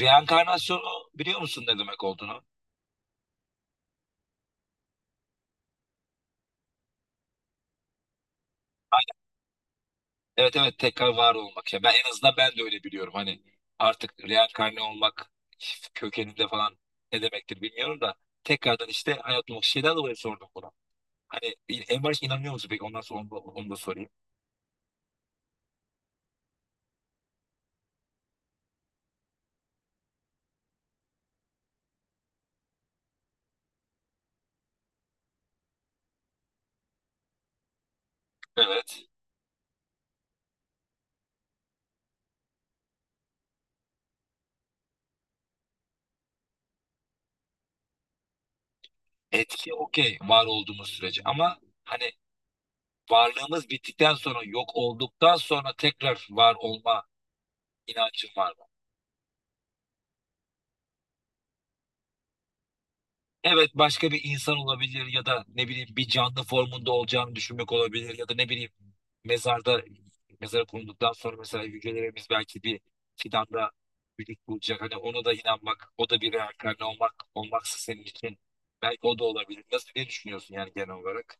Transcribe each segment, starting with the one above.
Reenkarnasyonu biliyor musun ne demek olduğunu? Aynen. Evet, tekrar var olmak ya. Ben en azından ben de öyle biliyorum. Hani artık reenkarne olmak kökeninde falan ne demektir bilmiyorum da tekrardan işte hayat olmak şeyden dolayı sordum bunu. Hani en başta inanıyor musun peki? Ondan sonra onu da sorayım. Evet. Etki okey, var olduğumuz sürece ama hani varlığımız bittikten sonra, yok olduktan sonra tekrar var olma inancın var mı? Evet, başka bir insan olabilir ya da ne bileyim bir canlı formunda olacağını düşünmek olabilir ya da ne bileyim mezarda, mezara konulduktan sonra mesela hücrelerimiz belki bir fidanda vücut bulacak. Hani ona da inanmak, o da bir reenkarne olmak, olmaksa senin için belki o da olabilir. Nasıl, ne düşünüyorsun yani genel olarak?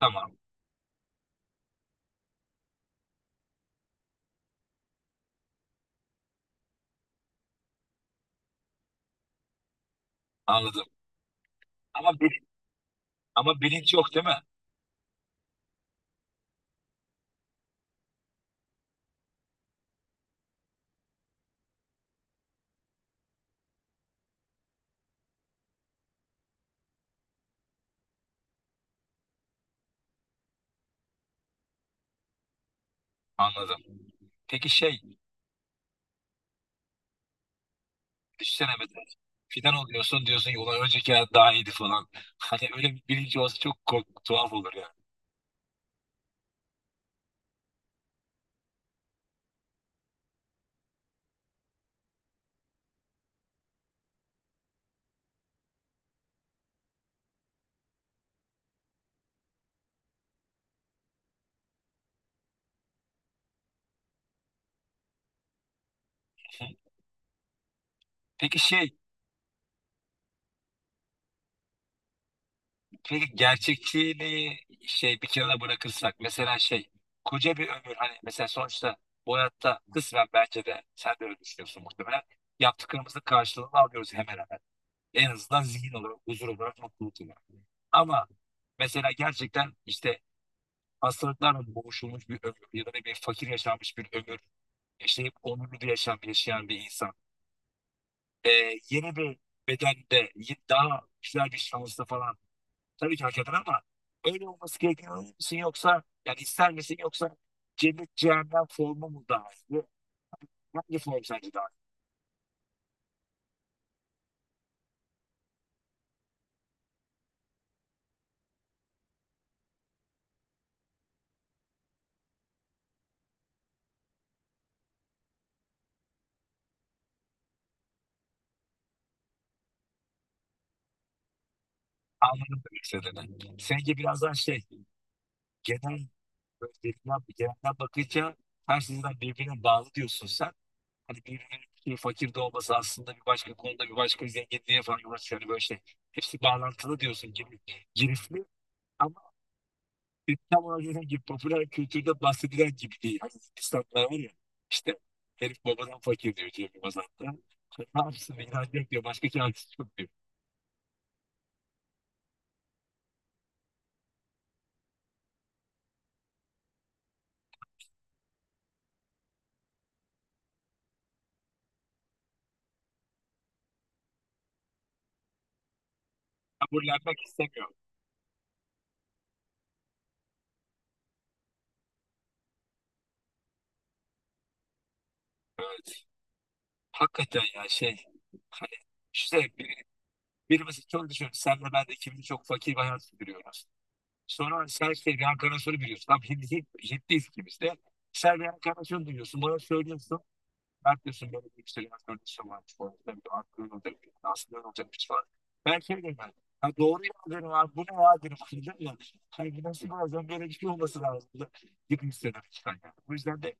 Tamam, anladım. Ama bil- Ama bilinç yok değil mi? Anladım. Peki şey, düşünsene mesela fidan oluyorsun, diyorsun ki ulan önceki hayat daha iyiydi falan. Hani öyle bir bilinci olsa çok tuhaf olur yani. Peki şey, peki gerçekçiliği şey bir kenara bırakırsak, mesela şey koca bir ömür, hani mesela sonuçta bu hayatta kısmen, bence de sen de öyle düşünüyorsun muhtemelen, yaptıklarımızın karşılığını alıyoruz hemen hemen. En azından zihin olarak, huzur olarak, mutluluk olarak. Ama mesela gerçekten işte hastalıklarla boğuşulmuş bir ömür ya da ne bir fakir yaşanmış bir ömür yaşayıp onurlu bir yaşam yaşayan bir insan. Ee, yeni bir bedende daha güzel bir şansla falan, tabii ki hak eder ama öyle olması gerekiyor musun, yoksa yani ister misin, yoksa cennet cehennem formu mu daha iyi? Hangi form sence daha iyi? Anladım demek istediğini. Seninki biraz daha şey, genel, böyle birbirinden, genelden bakınca her şeyden birbirine bağlı diyorsun sen. Hani birbirinin, bir fakir de olması aslında bir başka konuda bir başka zenginliğe falan yol. Hani böyle şey, hepsi bağlantılı diyorsun, girifli, ama tam ona gibi popüler kültürde bahsedilen gibi değil. Hani İnsanlar var ya işte, herif babadan fakir diyor Cem Yılmaz hatta. Ne yapsın, inancı yok diyor. Başka çaresi yok diyor. Kabullenmek istemiyor. Evet. Hakikaten ya şey, hani işte birimiz çok düşün. Senle ben de, ikimiz de çok fakir bir hayat sürüyoruz. Sonra sen şey, reenkarnasyonu biliyorsun. Tam Hintliyiz ikimiz de. Sen reenkarnasyonu duyuyorsun. Bana söylüyorsun. Herkesin böyle bir yükselen öncesi var. Orada bir aklın olacak, bir aslında olacak bir şey var. Ben şey dedim ben. Ha doğru ya, dedim abi bu ne ya dedim. Dedim ya. Hani bu nasıl, bazen böyle bir şey olması lazım da gibi hissederek çıkan yani. Bu yüzden de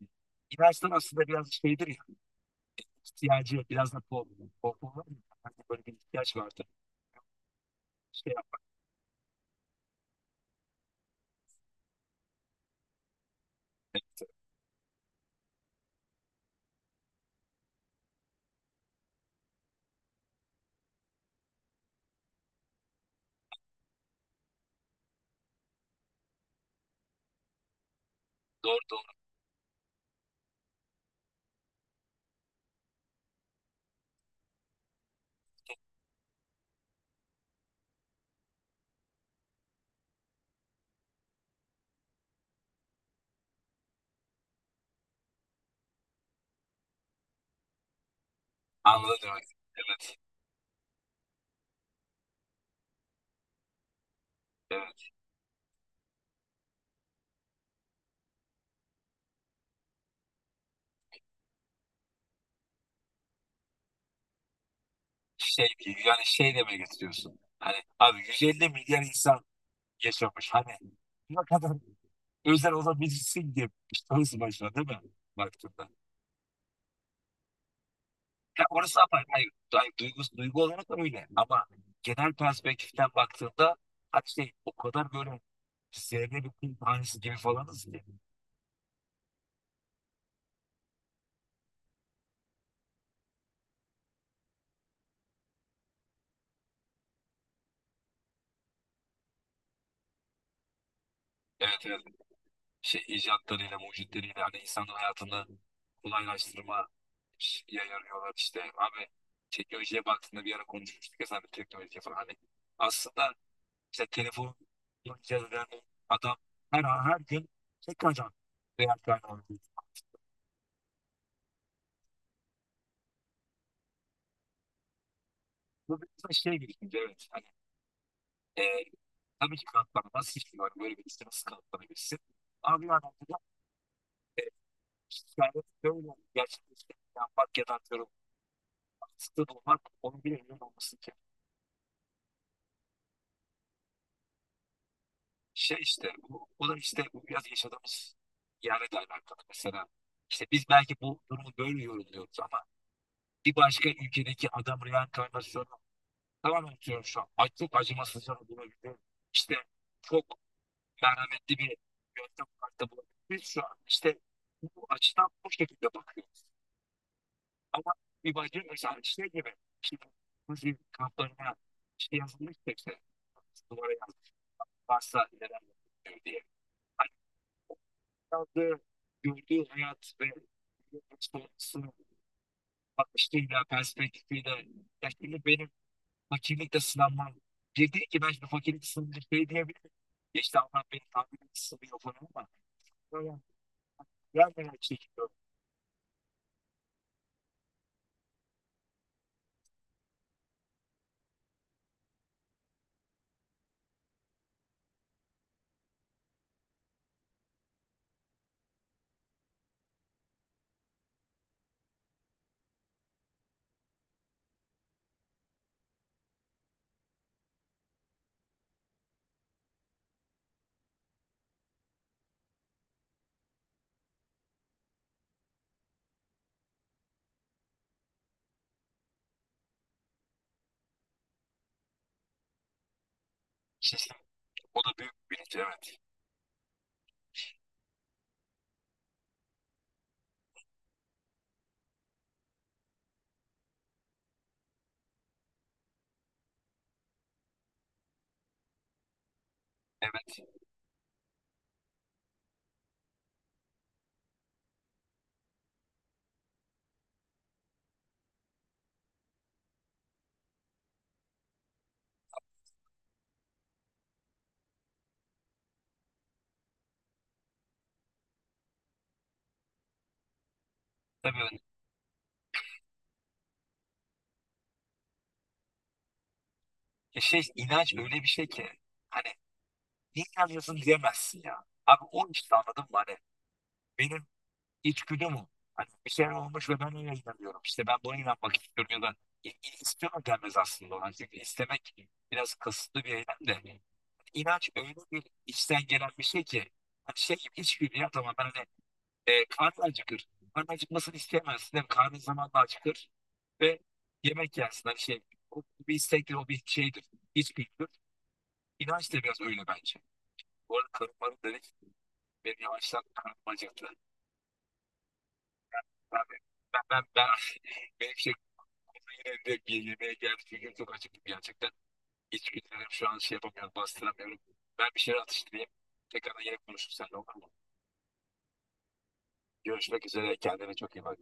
inançlar aslında biraz şeydir ya. İhtiyacı biraz da pol. Pol pol var ya. Hani böyle bir ihtiyaç vardı. Şey yapmak. Doğru doğru. Anladım demek. Evet. Evet. Şey, yani şey demeye getiriyorsun. Hani abi 150 milyar insan yaşamış. Hani ne kadar özel olabilirsin diye, tanısı başına değil mi? Baktığında. Ya orası, ama hayır, hayır, duygu olarak da öyle. Ama genel perspektiften baktığında hani şey, o kadar böyle zerre, bir kum tanesi gibi falanız ki. Evet. Şey, icatlarıyla, mucitleriyle hani insanın hayatını kolaylaştırma ya yarıyorlar işte. Abi, teknolojiye baktığında, bir ara konuşmuştuk ya sen de teknolojiye falan, hani aslında İşte telefon yapacağız yani, adam her an her gün tek ajan real kaynağı. Bu biraz da şey, birikince evet. Hani, e, tabii ki kanıtlanamaz hiçbir var. Böyle bir işte nasıl kanıtlanabilirsin? Abi yani burada hikaye böyle gerçekleşti. Yapmak ya da atıyorum. Haksızlığı bulmak onun bir emin olması ki. Şey işte bu da işte, bu biraz yaşadığımız yerle de alakalı. Mesela işte biz belki bu durumu böyle yorumluyoruz ama bir başka ülkedeki adam reenkarnasyonu tamamen atıyorum şu an. Ay, çok acımasızca bulabildim. İşte çok merhametli bir yöntem kartı bulabildim. Biz şu an işte bu açıdan bu şekilde bakıyoruz. Ama bir bacı mesela şey gibi, işte Nazi kamplarına işte yazılmış, işte duvara yazmış varsa neler yapıyor diye. Hani o yazdığı, gördüğü hayat ve bakışıyla, perspektifiyle, ya şimdi benim fakirlikle sınanmam. Bir değil ki ben şimdi fakirlik sınırında şey diyebilirim. Ya işte Allah beni tahmin etmiş sınıyor falan ama. Böyle gelmeden çekiliyorum. İşte o da büyük bir bilinç, evet. Evet. Tabii öyle. Ya şey, inanç öyle bir şey ki. Hani ne inanıyorsun diyemezsin ya. Abi o işte, anladın mı? Hani benim içgüdüm o. Hani bir şey olmuş ve ben öyle inanıyorum. İşte ben buna inanmak istiyorum, ya da i- i- istiyorum denmez aslında ona. Çünkü istemek biraz kasıtlı bir eylem de. İnanç öyle bir içten gelen bir şey ki, hani şey gibi, içgüdü ya. Tamam, ben hani, karnı acıkır. Karnı acıkmasını isteyemezsin değil mi? Karnın zamanla acıkır ve yemek yersin. Hani şey, o bir istektir, o bir şeydir. İçgüdüdür. İnanç da biraz öyle bence. Bu arada karım bana dedi ki benim yavaştan karnım acıktı. Ben, ben, benim şey yine direkt bir yemeğe geldi. Çünkü çok acıktım gerçekten. İçgüdülerim şu an, şey yapamıyorum, bastıramıyorum. Ben bir şeyler atıştırayım. Tekrardan yine konuşuruz seninle, olur mu? Görüşmek üzere. Kendine çok iyi bak.